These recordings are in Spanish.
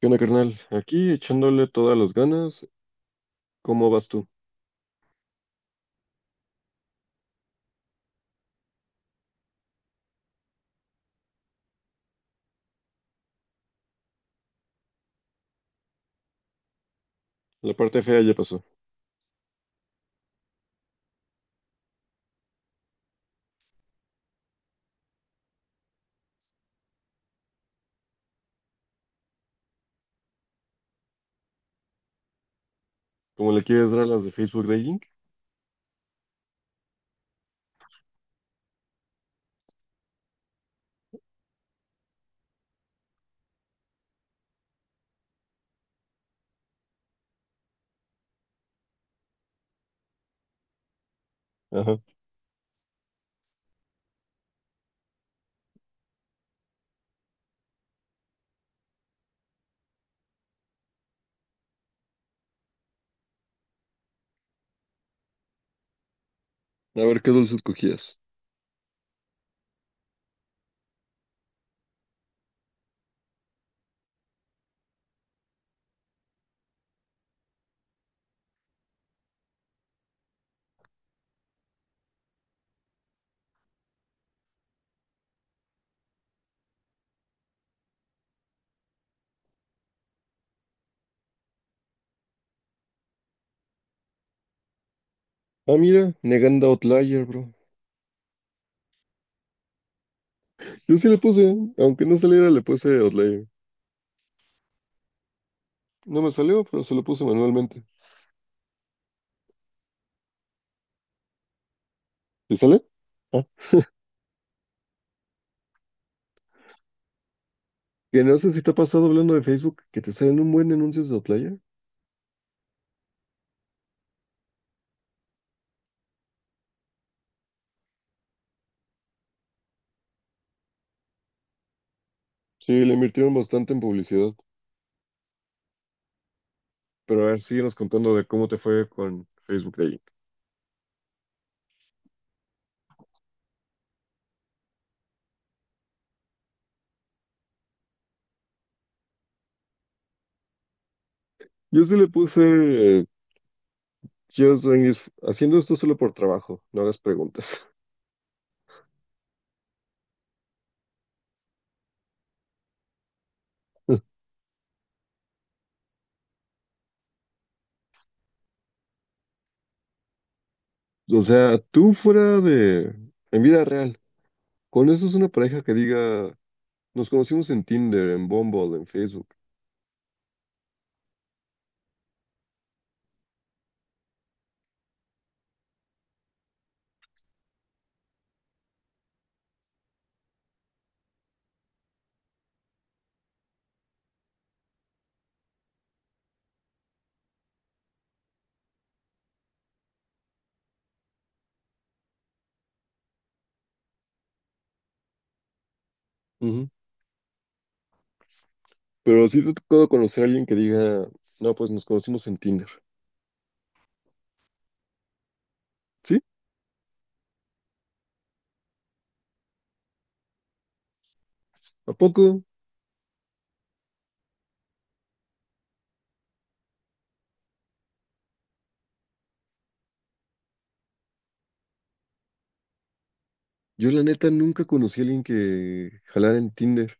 ¿Qué onda, carnal? Aquí echándole todas las ganas. ¿Cómo vas tú? La parte fea ya pasó. ¿Cómo le quieres dar a las de Facebook Dating? Ajá. A ver qué dulce escogías. Ah, mira, negando Outlier, bro. Yo sí le puse, aunque no saliera, le puse Outlier. No me salió, pero se lo puse manualmente. ¿Y sale? Ah. Que no sé si te ha pasado hablando de Facebook que te salen un buen anuncios de Outlier. Sí, le invirtieron bastante en publicidad. Pero a ver, síguenos contando de cómo te fue con Facebook Dating. Yo sí le puse Just Dwayne is- haciendo esto solo por trabajo, no hagas preguntas. O sea, tú fuera de, en vida real, con eso es una pareja que diga, nos conocimos en Tinder, en Bumble, en Facebook. Ujú. Pero sí te ha tocado conocer a alguien que diga, no, pues nos conocimos en Tinder. ¿Sí? ¿A poco? Yo la neta nunca conocí a alguien que jalara en Tinder.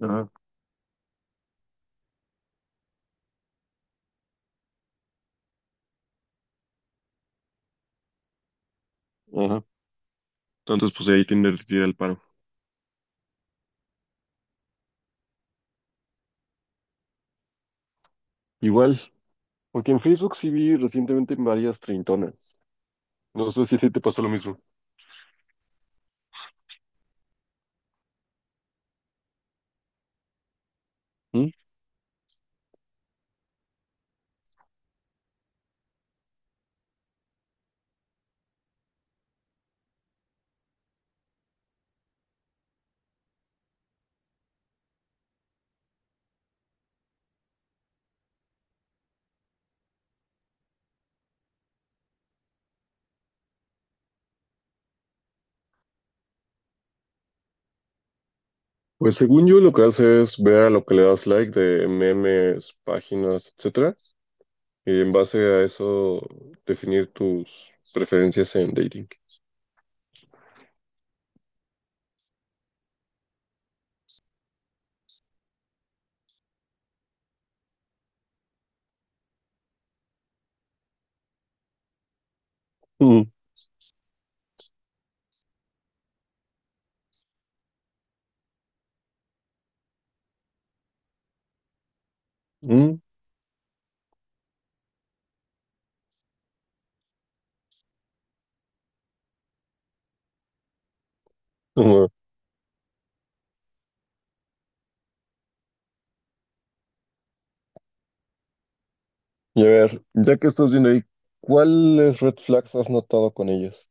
Ajá, ajá. Entonces, pues ahí Tinder te tira el paro. Igual, porque en Facebook sí vi recientemente varias treintonas. No sé si a ti te pasó lo mismo. Pues según yo lo que hace es ver a lo que le das like de memes, páginas, etcétera, y en base a eso definir tus preferencias en dating. Mm, mm, ujú. Y a ver, ya que estás viendo ahí, ¿cuáles red flags has notado con ellas?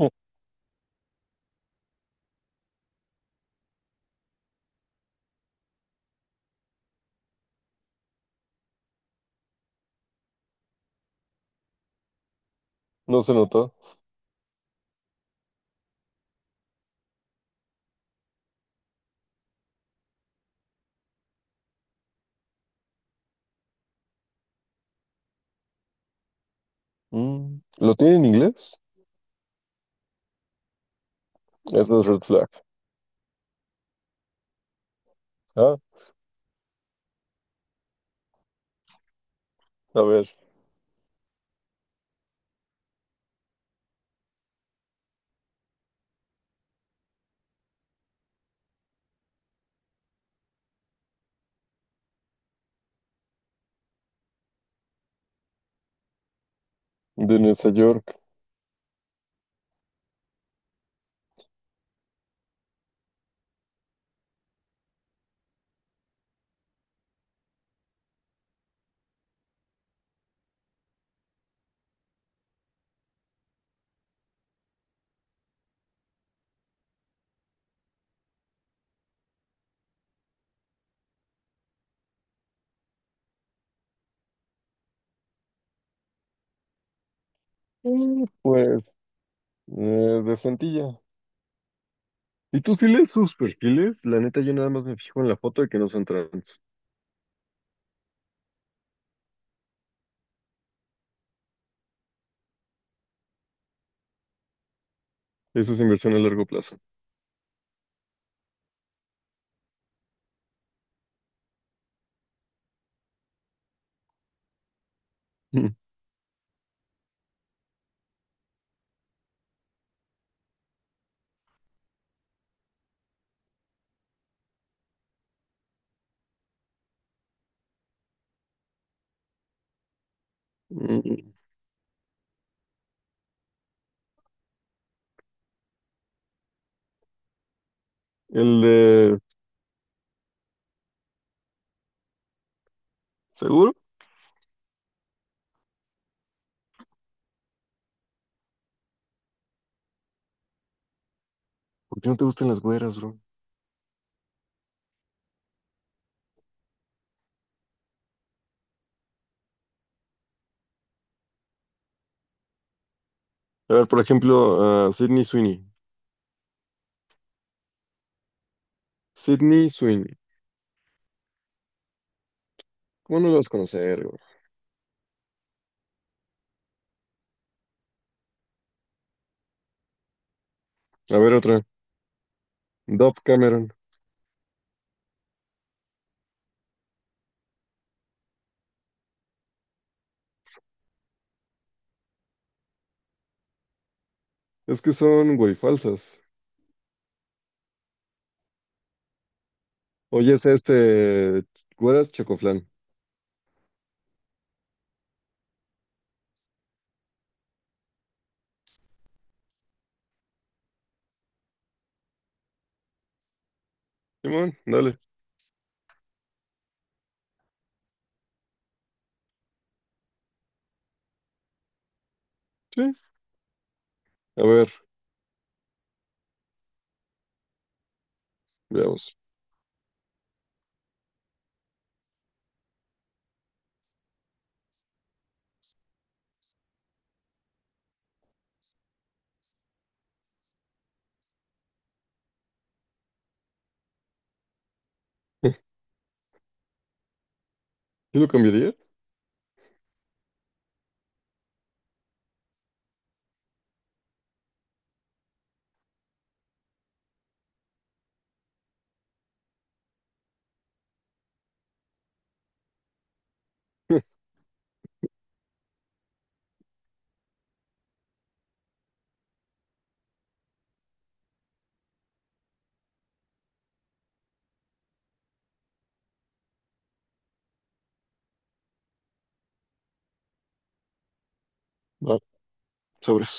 Mm. No se notó. Mm, ¿lo tiene en inglés? Eso es red flag. Ah, a ver, de Nueva York. Mm. Pues, eh, de Santilla. ¿Y tú sí lees sus perfiles? La neta, yo nada más me fijo en la foto de que no son trans. Eso es inversión a largo plazo. Mm. El de seguro, ¿por qué no te gustan las güeras, bro? A ver, por ejemplo, a Sydney Sweeney. Sydney Sweeney. ¿Cómo no las vas a conocer, bro? A ver, otra. Dove Cameron. Es que son güey falsas. Oye, es este. Güeras Chocoflan. Simón, dale. Sí. A ver, veamos. ¿Sí lo cambiaría? Va, sobres.